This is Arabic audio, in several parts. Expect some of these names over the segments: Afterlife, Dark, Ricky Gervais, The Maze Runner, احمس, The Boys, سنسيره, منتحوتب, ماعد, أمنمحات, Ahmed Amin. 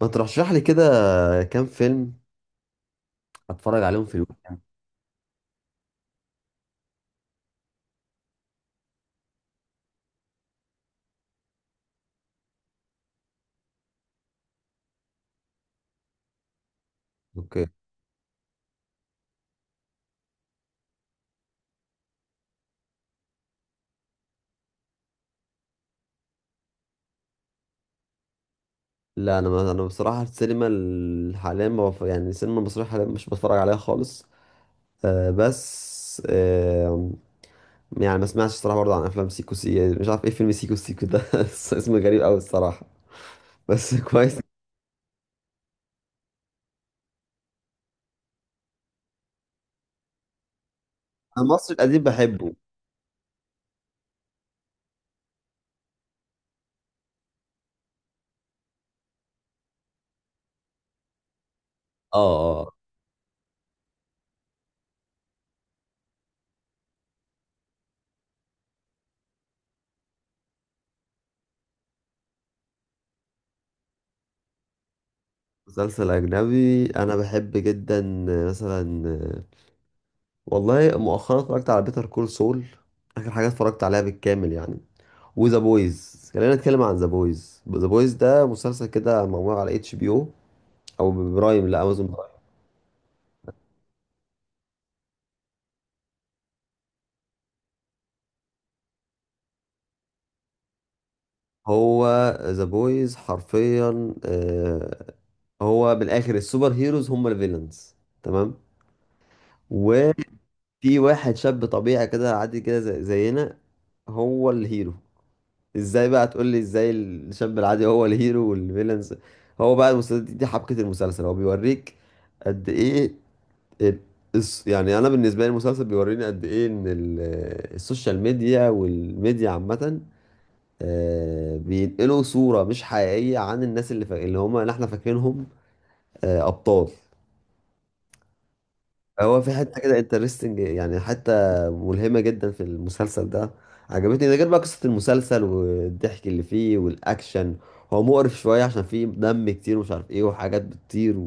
ما ترشح لي كده، كام فيلم اتفرج عليهم في الويكند؟ اوكي. لا، انا، ما انا بصراحه، السينما ال- حاليا ما بف... يعني السينما المصريه حاليا مش بتفرج عليها خالص. بس، يعني ما سمعتش الصراحه برضه عن افلام سيكو سي يعني مش عارف ايه فيلم سيكو سيكو ده اسمه غريب قوي الصراحه، بس كويس. انا المصري القديم بحبه. اه، اه. مسلسل اجنبي انا بحب جدا، آه، مثلا، والله مؤخرا اتفرجت على بيتر كول سول. اخر حاجه اتفرجت عليها بالكامل، يعني. وذا بويز، خلينا نتكلم عن ذا بويز. ذا بويز ده مسلسل كده معمول على HBO، او برايم، لا، امازون برايم. هو ذا بويز حرفيا. هو بالاخر السوبر هيروز هم الفيلنز. تمام. وفي واحد شاب طبيعي كده، عادي كده، زينا. هو الهيرو. ازاي بقى؟ تقول لي ازاي الشاب العادي هو الهيرو والفيلنز؟ هو بقى المسلسل، دي حبكة المسلسل، هو بيوريك قد ايه ال- يعني انا بالنسبه لي المسلسل بيوريني قد ايه ان ال- السوشيال ميديا والميديا عامه، آه، بينقلوا صوره مش حقيقيه عن الناس اللي هم اللي احنا فاكرينهم، آه، ابطال. هو في حته كده انترستنج، يعني حته ملهمه جدا في المسلسل ده. عجبتني، ده غير بقى قصه المسلسل والضحك اللي فيه والاكشن. هو مقرف شويه عشان فيه دم كتير ومش عارف ايه، وحاجات بتطير،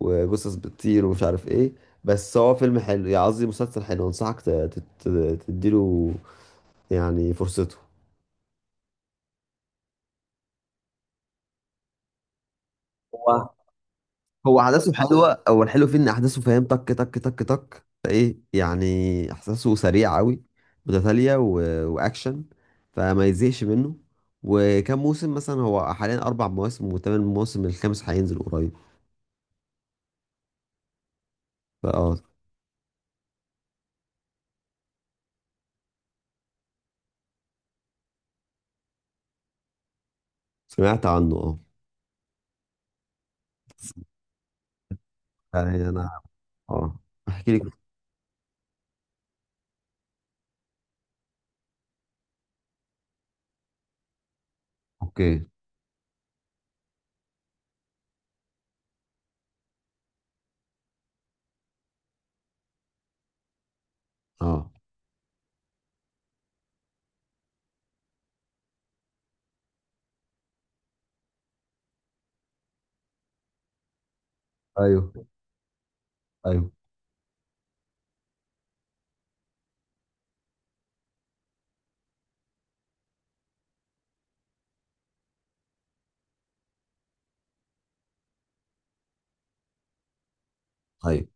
وجثث بتطير ومش عارف ايه. بس هو فيلم حلو، يعني قصدي مسلسل حلو، انصحك تديله يعني فرصته. هو هو احداثه حلوه. هو الحلو فيه ان احداثه، فاهم، تك تك تك تك، ايه يعني احساسه سريع قوي، متتالية، واكشن، فما يزهقش منه. وكم موسم مثلا؟ هو حاليا اربع مواسم وثمان مواسم، الخامس هينزل قريب. فاه سمعت عنه، اه. يعني انا، اه، احكي لك. اوكي. اه. ايوه، ايوه، ايوه.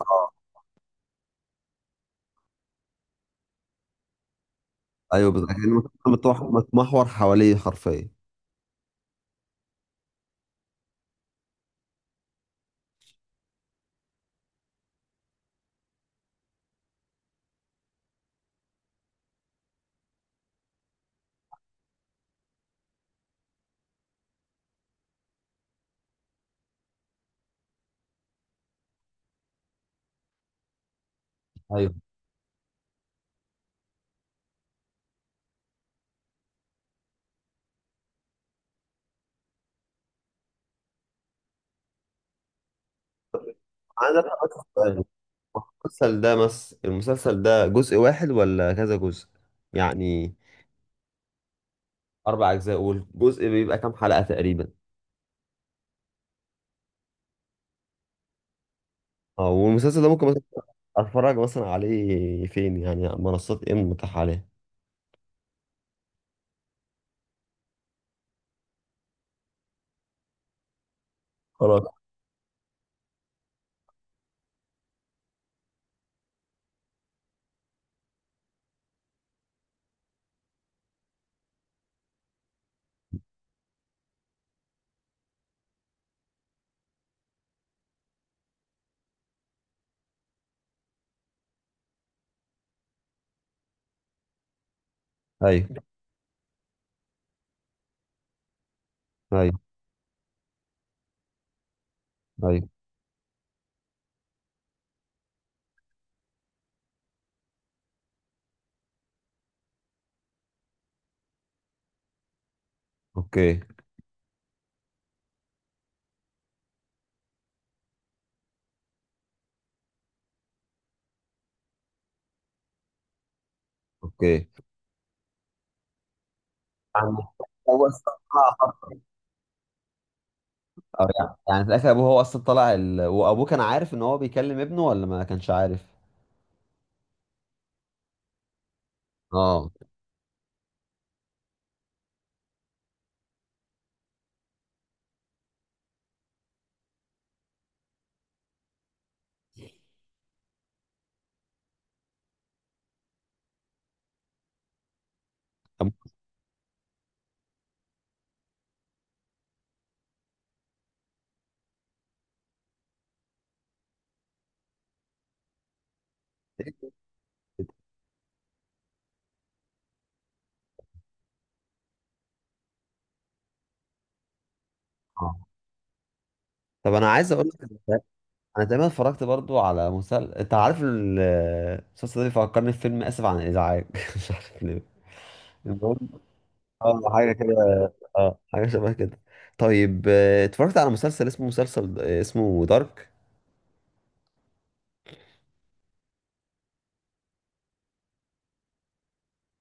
اه. ايوه، بالظبط، يعني المسلسل متمحور حواليه حرفيا. ايوه. انا ده بس سؤال: المسلسل ده جزء واحد ولا كذا جزء يعني؟ اربع اجزاء؟ اقول جزء بيبقى كام حلقة تقريبا؟ اه، والمسلسل ده ممكن مثلا اتفرج مثلا عليه فين؟ يعني منصات ايه المتاحة عليه؟ خلاص. ايوه، ايوه، ايوه. اوكي، اوكي. يعني، هو أصلاً طلع- أو يعني في الاخر ابوه هو اصلا طلع وابوه كان عارف ان هو بيكلم ابنه ولا ما كانش عارف؟ اه. طب اه طب، انا عايز اقول لك، انا تقريبا اتفرجت برضو على مسلسل، انت عارف، المسلسل ده بيفكرني في فيلم اسف عن الازعاج مش عارف ليه. المهم. اه، حاجه كده. اه، حاجه شبه كده. طيب، اتفرجت على مسلسل اسمه دارك.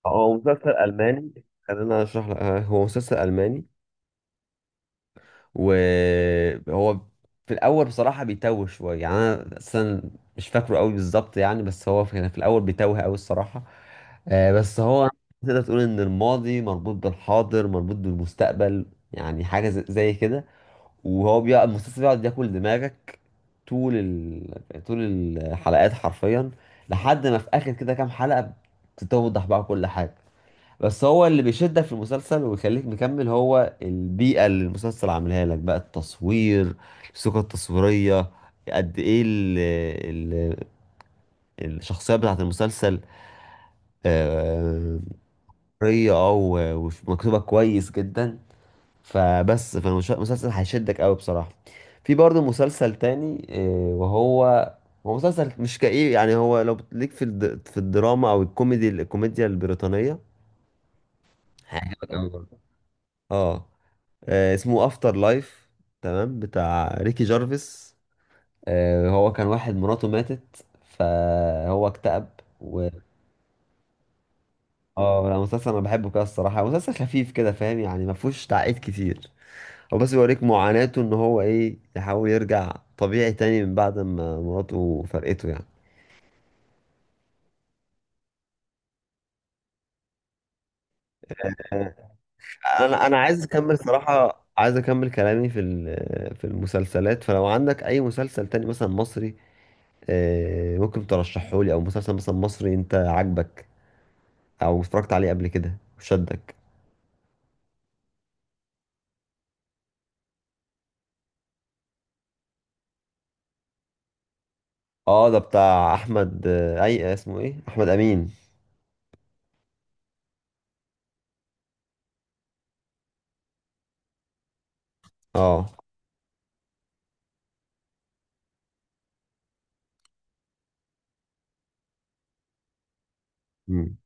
هو مسلسل الماني، خلينا اشرح لك، هو مسلسل الماني. وهو في الاول بصراحه بيتوه شويه، يعني انا اصلا مش فاكره قوي بالظبط يعني، بس هو كان في الاول بيتوه قوي الصراحه. بس هو تقدر تقول ان الماضي مربوط بالحاضر مربوط بالمستقبل، يعني حاجه زي كده. وهو بيقعد، المسلسل بيقعد ياكل دماغك، طول الحلقات حرفيا، لحد ما في اخر كده كام حلقه بتتوضح بقى كل حاجه. بس هو اللي بيشدك في المسلسل ويخليك مكمل هو البيئة اللي المسلسل عاملها لك بقى، التصوير، الثقة التصويرية، قد ايه ال ال الشخصية بتاعت المسلسل، آه، طرية، اه، ومكتوبة كويس جدا، فبس فالمسلسل هيشدك قوي بصراحة. في برضه مسلسل تاني، وهو مسلسل مش كئيب، يعني هو لو ليك في الدراما او الكوميديا البريطانية، هيعجبك قوي. اه. اسمه افتر لايف، تمام، بتاع ريكي جارفيس. هو كان واحد مراته ماتت فهو اكتئب، و اه لا، مسلسل انا بحبه كده الصراحه، مسلسل خفيف كده فاهم، يعني ما فيهوش تعقيد كتير. هو بس بيوريك معاناته ان هو ايه، يحاول يرجع طبيعي تاني من بعد ما مراته فرقته يعني. آه، انا عايز اكمل صراحه، عايز اكمل كلامي في المسلسلات، فلو عندك اي مسلسل تاني مثلا مصري، ممكن ترشحه لي، او مسلسل مثلا مصري انت عاجبك او اتفرجت عليه قبل كده وشدك؟ اه، ده بتاع احمد، آه، اي اسمه ايه، احمد امين. اه. مم.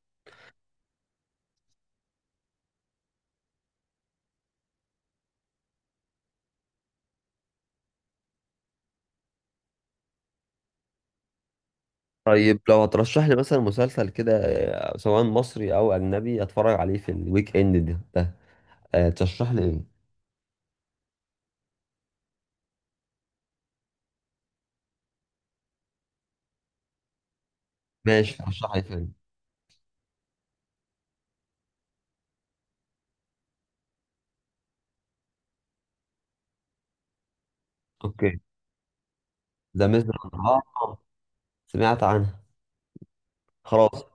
طيب، لو هترشح لي مثلا مسلسل كده، سواء مصري او اجنبي اتفرج عليه في الويك اند ده. ترشح لي ايه؟ ماشي، ترشح لي فيلم. اوكي، ذا ميز رانر. اه، سمعت عنها. خلاص.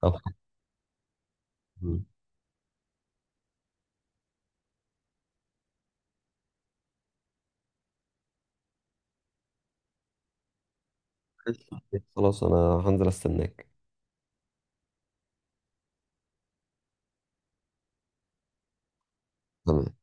طب. مم. خلاص، انا هنزل استناك. تمام